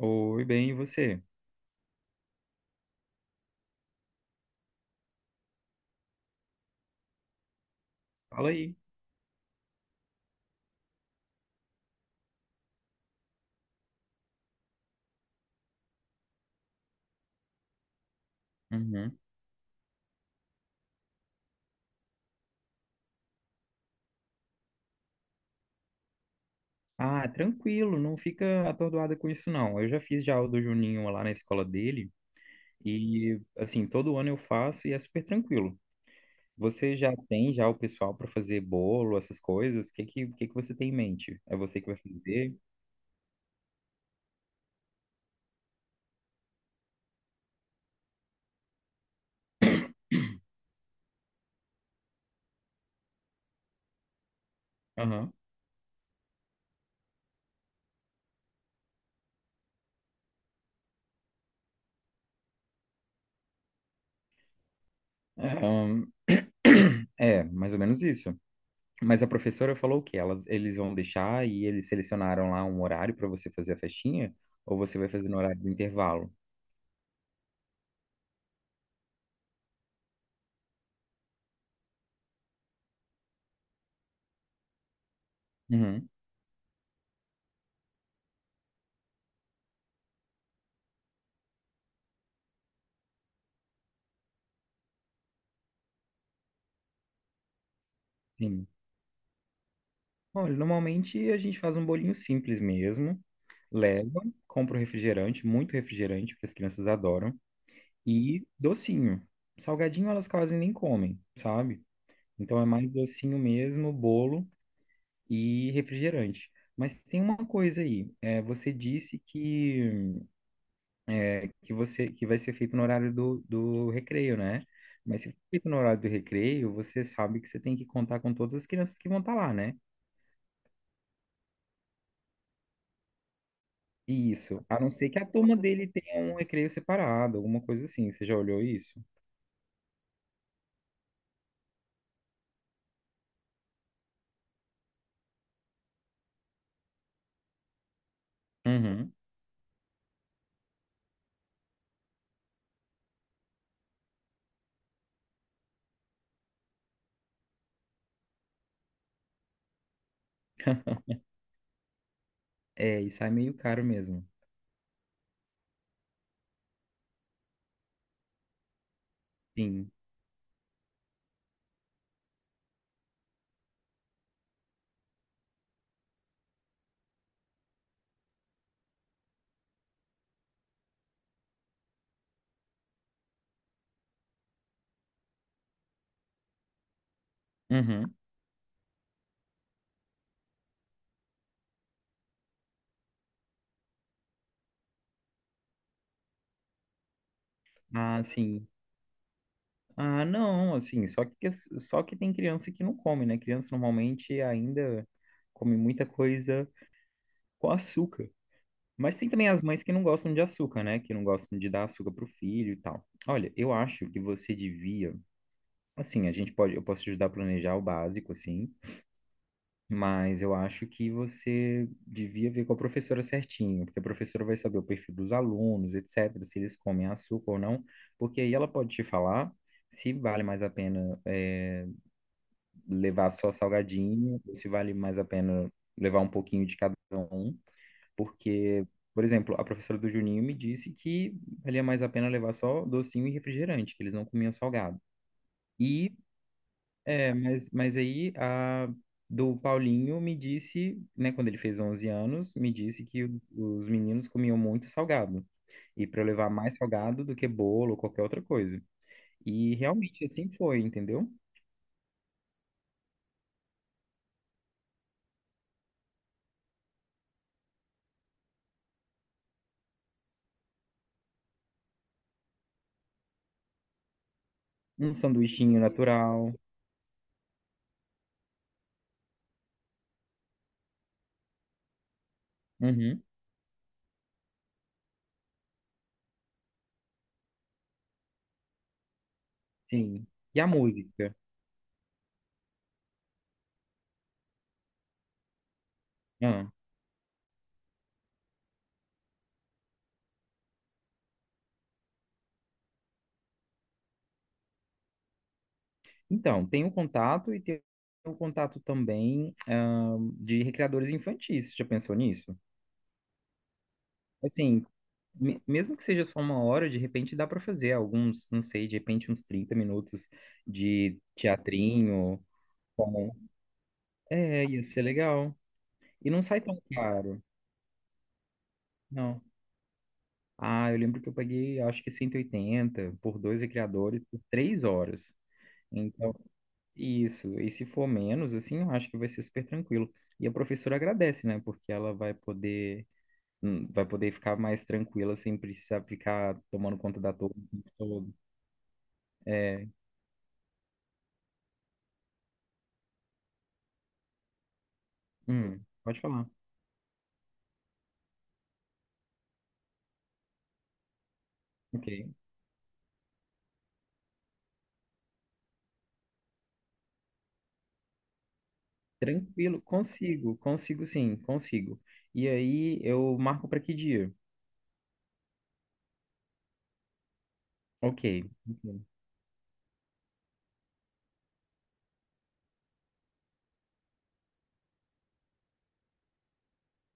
Oi, bem, e você? Fala aí. Uhum. Ah, tranquilo, não fica atordoada com isso, não. Eu já fiz já o do Juninho lá na escola dele e, assim, todo ano eu faço e é super tranquilo. Você já tem já o pessoal para fazer bolo, essas coisas? O que que você tem em mente? É você que vai fazer? Aham. É, é, mais ou menos isso. Mas a professora falou que eles vão deixar e eles selecionaram lá um horário para você fazer a festinha ou você vai fazer no horário do intervalo? Uhum. Sim. Olha, normalmente a gente faz um bolinho simples mesmo, leva, compra um refrigerante, muito refrigerante, porque as crianças adoram, e docinho. Salgadinho elas quase nem comem, sabe? Então é mais docinho mesmo, bolo e refrigerante. Mas tem uma coisa aí, é, você disse que é, que você que vai ser feito no horário do recreio, né? Mas se for feito no horário do recreio, você sabe que você tem que contar com todas as crianças que vão estar lá, né? Isso. A não ser que a turma dele tenha um recreio separado, alguma coisa assim. Você já olhou isso? Uhum. É, isso é meio caro mesmo. Sim. Uhum. Ah, sim. Ah, não, assim, só que tem criança que não come, né? Criança normalmente ainda come muita coisa com açúcar. Mas tem também as mães que não gostam de açúcar, né? Que não gostam de dar açúcar pro filho e tal. Olha, eu acho que você devia, assim, a gente pode, eu posso te ajudar a planejar o básico, assim. Mas eu acho que você devia ver com a professora certinho, porque a professora vai saber o perfil dos alunos, etc., se eles comem açúcar ou não, porque aí ela pode te falar se vale mais a pena levar só salgadinho, ou se vale mais a pena levar um pouquinho de cada um, porque, por exemplo, a professora do Juninho me disse que valia mais a pena levar só docinho e refrigerante, que eles não comiam salgado. E é, mas aí a do Paulinho me disse, né, quando ele fez 11 anos, me disse que os meninos comiam muito salgado. E para eu levar mais salgado do que bolo ou qualquer outra coisa. E realmente assim foi, entendeu? Um sanduichinho natural. Uhum, sim. E a música? Ah, então, tem o contato e tem o contato também, ah, de recreadores infantis. Você já pensou nisso? Assim, mesmo que seja só uma hora, de repente dá para fazer alguns, não sei, de repente uns 30 minutos de teatrinho. com- É, ia ser legal. E não sai tão caro, não. Ah, eu lembro que eu paguei, acho que 180 por dois criadores por 3 horas. Então, isso. E se for menos, assim, eu acho que vai ser super tranquilo. E a professora agradece, né? Porque ela vai poder ficar mais tranquila sem precisar ficar tomando conta da turma o tempo todo. É, pode falar. Ok. Tranquilo, consigo, consigo sim, consigo. E aí eu marco para que dia? Ok, ok.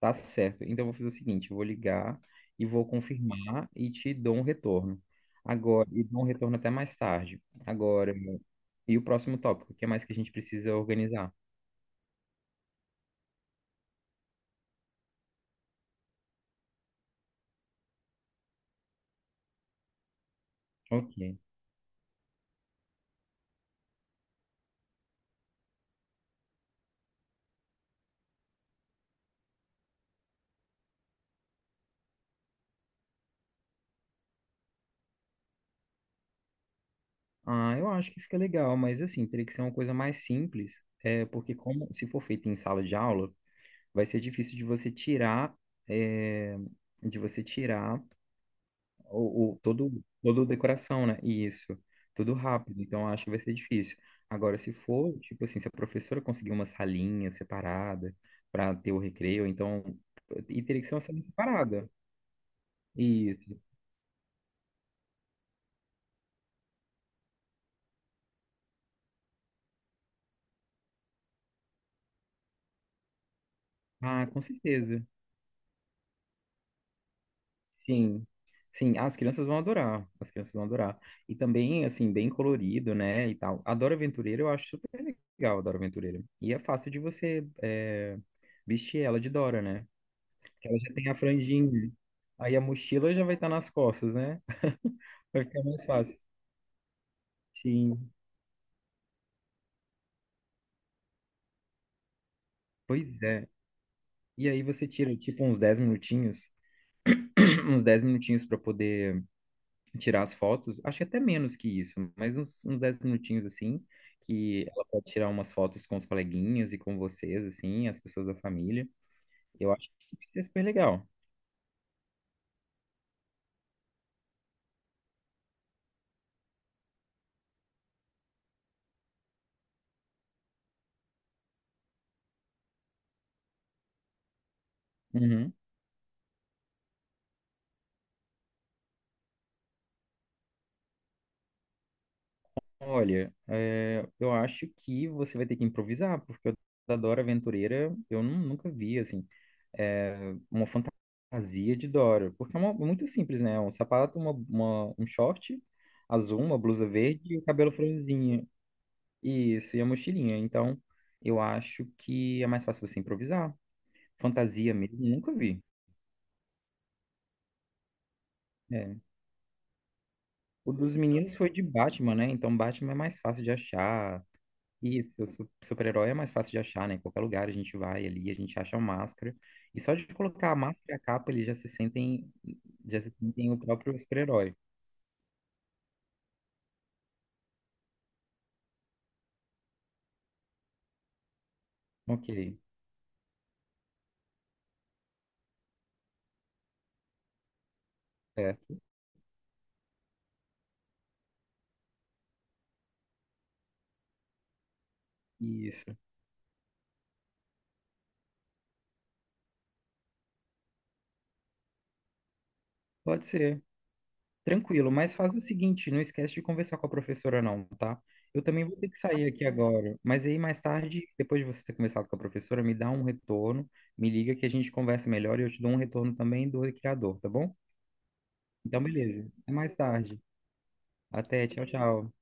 Tá certo. Então eu vou fazer o seguinte, eu vou ligar e vou confirmar e te dou um retorno. Agora, e dou um retorno até mais tarde. Agora, e o próximo tópico, o que mais que a gente precisa organizar? Ok. Ah, eu acho que fica legal, mas assim, teria que ser uma coisa mais simples, é, porque como se for feito em sala de aula, vai ser difícil de você tirar, é, de você tirar toda a decoração, né? Isso, tudo rápido. Então, eu acho que vai ser difícil. Agora, se for, tipo assim, se a professora conseguir uma salinha separada para ter o recreio, então, e teria que ser uma salinha separada. Isso. Ah, com certeza. Sim, sim, ah, as crianças vão adorar, as crianças vão adorar. E também, assim, bem colorido, né, e tal. Adora Aventureira eu acho super legal, Adora Aventureira. E é fácil de você é, vestir ela de Dora, né? Porque ela já tem a franjinha, aí a mochila já vai estar nas costas, né? Vai ficar mais fácil. Sim, pois é. E aí você tira, tipo, uns 10 minutinhos, uns 10 minutinhos para poder tirar as fotos, acho que até menos que isso, mas uns 10 minutinhos assim, que ela pode tirar umas fotos com os coleguinhas e com vocês, assim, as pessoas da família. Eu acho que vai ser super legal. Uhum. Olha, é, eu acho que você vai ter que improvisar, porque eu da Dora Aventureira eu nunca vi, assim, é, uma fantasia de Dora, porque é muito simples, né? Um sapato, um short azul, uma blusa verde e o cabelo franzinho. Isso, e a mochilinha. Então, eu acho que é mais fácil você improvisar. Fantasia mesmo, nunca vi. É. O dos meninos foi de Batman, né? Então, Batman é mais fácil de achar. Isso, super-herói é mais fácil de achar, né? Em qualquer lugar a gente vai ali, a gente acha a máscara. E só de colocar a máscara e a capa, eles já se sentem o próprio super-herói. Ok, certo. Isso. Pode ser. Tranquilo, mas faz o seguinte, não esquece de conversar com a professora não, tá? Eu também vou ter que sair aqui agora, mas aí mais tarde, depois de você ter conversado com a professora, me dá um retorno, me liga que a gente conversa melhor e eu te dou um retorno também do criador, tá bom? Então, beleza. Até mais tarde. Até, tchau, tchau.